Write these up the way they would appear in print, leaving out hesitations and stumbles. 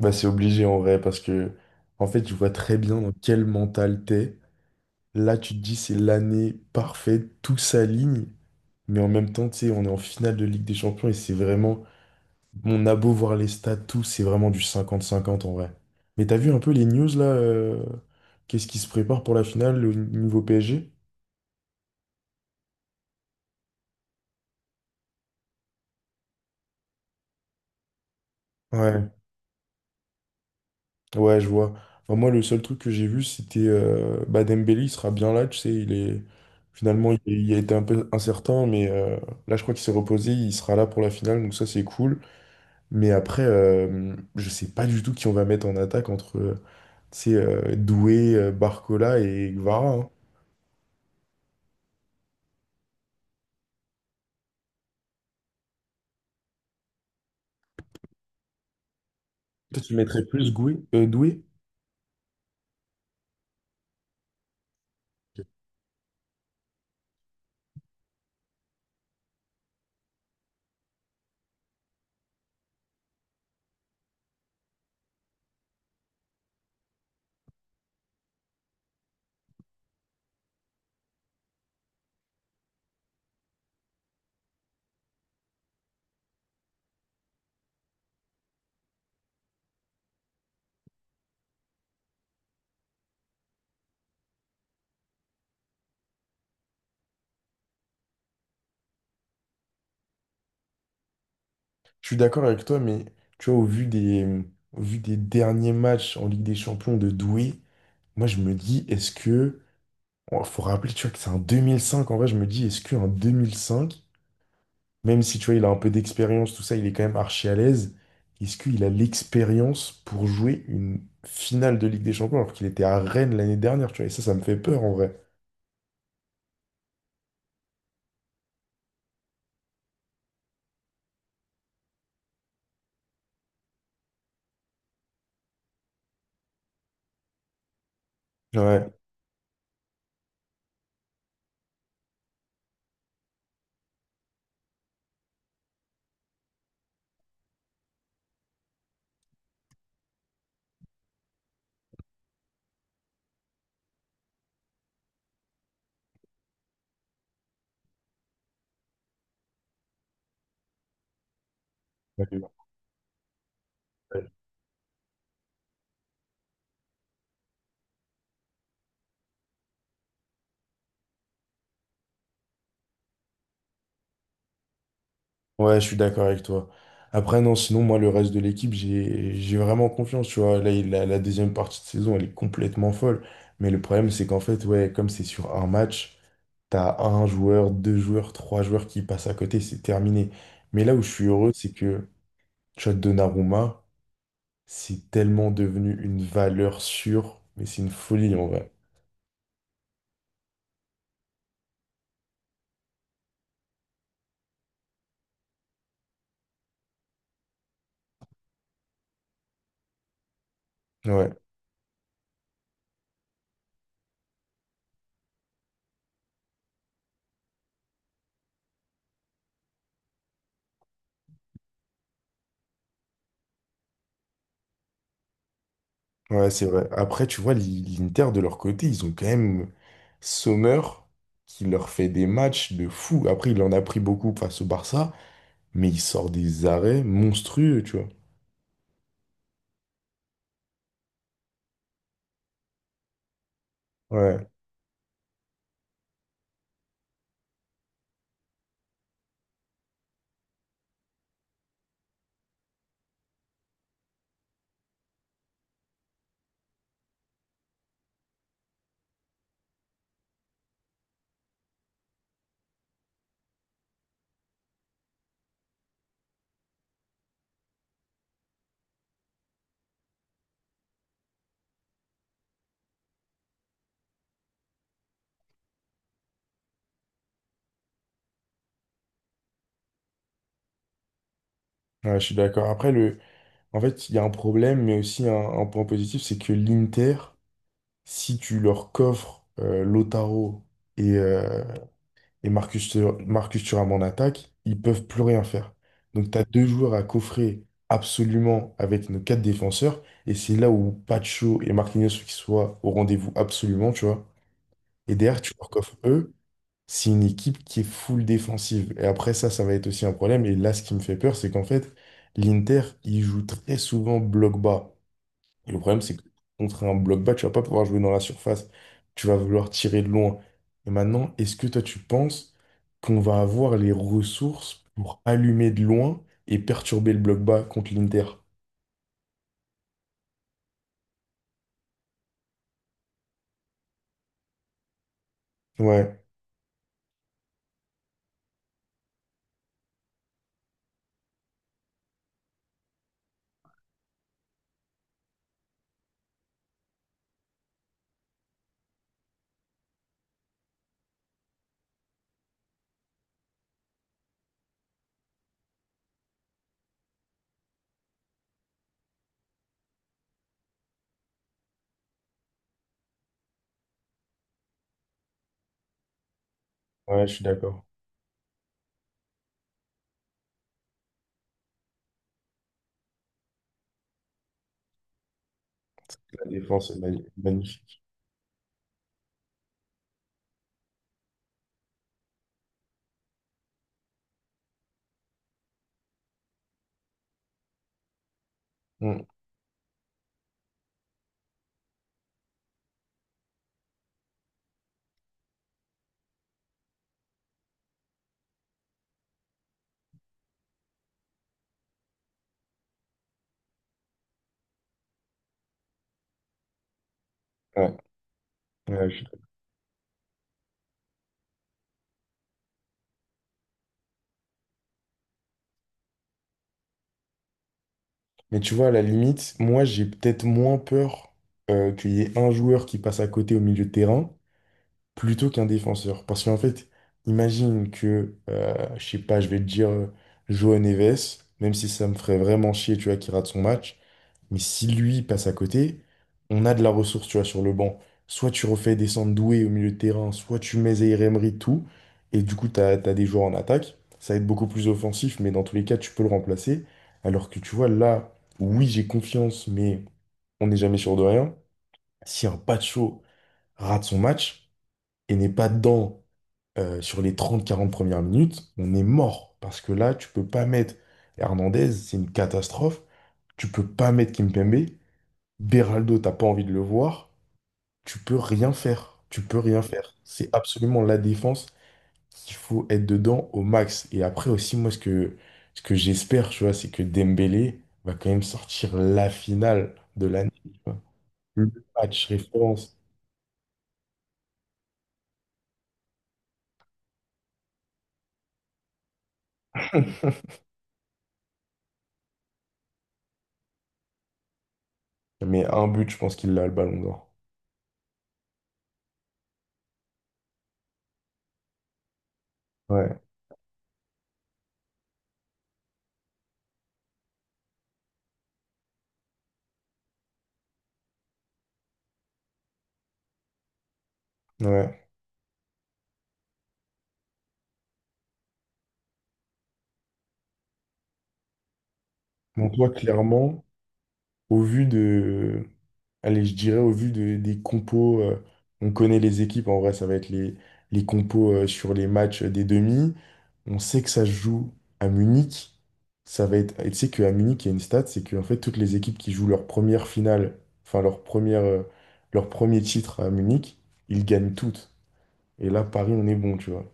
Bah, c'est obligé en vrai parce que en fait je vois très bien dans quel mental t'es. Là tu te dis c'est l'année parfaite, tout s'aligne, mais en même temps tu sais on est en finale de Ligue des Champions et c'est vraiment mon a beau voir les stats tout, c'est vraiment du cinquante cinquante en vrai. Mais t'as vu un peu les news là qu'est-ce qui se prépare pour la finale au niveau PSG? Ouais. Ouais, je vois. Enfin, moi, le seul truc que j'ai vu, c'était bah, Dembélé, il sera bien là, tu sais, il est... Finalement, il a été un peu incertain, mais là, je crois qu'il s'est reposé, il sera là pour la finale, donc ça, c'est cool. Mais après, je sais pas du tout qui on va mettre en attaque entre, tu sais, Doué, Barcola et Guevara, hein. Toi, tu mettrais plus Doué? Je suis d'accord avec toi, mais tu vois, au vu des derniers matchs en Ligue des Champions de Doué, moi, je me dis, est-ce que... Il faut rappeler, tu vois, que c'est en 2005. En vrai, je me dis, est-ce qu'en 2005, même si, tu vois, il a un peu d'expérience, tout ça, il est quand même archi à l'aise, est-ce qu'il a l'expérience pour jouer une finale de Ligue des Champions alors qu'il était à Rennes l'année dernière, tu vois? Et ça me fait peur, en vrai. Ouais. Ouais, je suis d'accord avec toi. Après, non, sinon, moi, le reste de l'équipe, j'ai vraiment confiance, tu vois. Là, la deuxième partie de saison, elle est complètement folle. Mais le problème, c'est qu'en fait, ouais, comme c'est sur un match, t'as un joueur, deux joueurs, trois joueurs qui passent à côté, c'est terminé. Mais là où je suis heureux, c'est que Chad Donnarumma, c'est tellement devenu une valeur sûre, mais c'est une folie en vrai. Ouais, ouais, c'est vrai. Après, tu vois, l'Inter de leur côté, ils ont quand même Sommer qui leur fait des matchs de fou. Après, il en a pris beaucoup face au Barça, mais il sort des arrêts monstrueux, tu vois. Ouais, ouais, je suis d'accord. Après, le... en fait, il y a un problème, mais aussi un point positif, c'est que l'Inter. Si tu leur coffres Lautaro et, euh, et Marcus Thuram en attaque, ils peuvent plus rien faire. Donc tu as deux joueurs à coffrer absolument avec nos quatre défenseurs, et c'est là où Pacho et Marquinhos faut qu'ils soient au rendez-vous absolument, tu vois. Et derrière, tu leur coffres eux, c'est une équipe qui est full défensive. Et après ça, ça va être aussi un problème. Et là, ce qui me fait peur, c'est qu'en fait, l'Inter, il joue très souvent bloc bas. Le problème, c'est que contre un bloc bas, tu vas pas pouvoir jouer dans la surface. Tu vas vouloir tirer de loin. Et maintenant, est-ce que toi, tu penses qu'on va avoir les ressources pour allumer de loin et perturber le bloc bas contre l'Inter? Ouais, ouais, je suis d'accord. La défense est magnifique. Mm. Ouais, ouais, je suis d'accord. Mais tu vois, à la limite, moi, j'ai peut-être moins peur qu'il y ait un joueur qui passe à côté au milieu de terrain plutôt qu'un défenseur. Parce qu'en fait, imagine que, je sais pas, je vais te dire Joao Neves, même si ça me ferait vraiment chier, tu vois, qu'il rate son match, mais si lui passe à côté, on a de la ressource, tu vois, sur le banc. Soit tu refais descendre Doué au milieu de terrain, soit tu mets Zaïre Emery, tout, et du coup, t'as des joueurs en attaque. Ça va être beaucoup plus offensif, mais dans tous les cas, tu peux le remplacer. Alors que tu vois, là, oui, j'ai confiance, mais on n'est jamais sûr de rien. Si un Pacho rate son match et n'est pas dedans sur les trente-quarante premières minutes, on est mort. Parce que là, tu peux pas mettre Hernandez, c'est une catastrophe. Tu peux pas mettre Kimpembe. Beraldo, t'as pas envie de le voir. Tu peux rien faire. Tu peux rien faire. C'est absolument la défense qu'il faut être dedans au max. Et après aussi, moi, ce que j'espère, tu vois, c'est que Dembélé va quand même sortir la finale de l'année, tu vois. Le match référence. Mais un but, je pense qu'il a le ballon d'or. Ouais, ouais. Donc toi, clairement. Au vu de, allez, je dirais des compos, on connaît les équipes, en vrai, ça va être les compos sur les matchs des demi. On sait que ça se joue à Munich. Ça va être, et tu sais qu'à Munich, il y a une stat, c'est qu'en fait, toutes les équipes qui jouent leur première finale, enfin leur première, euh, leur premier titre à Munich, ils gagnent toutes. Et là, Paris, on est bon, tu vois.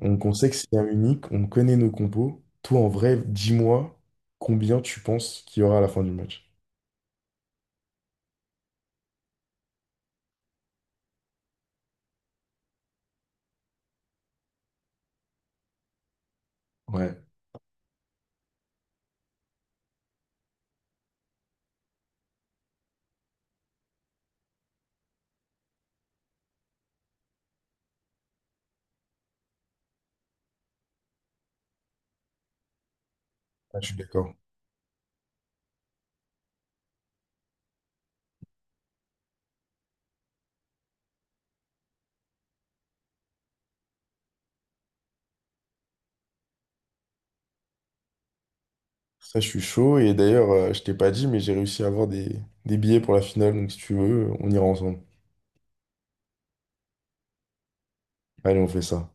Donc, on sait que c'est à Munich, on connaît nos compos. Toi, en vrai, dis-moi combien tu penses qu'il y aura à la fin du match. Ouais. Ah, je suis d'accord. Ça, je suis chaud. Et d'ailleurs, je t'ai pas dit, mais j'ai réussi à avoir des billets pour la finale. Donc, si tu veux, on ira ensemble. Allez, on fait ça.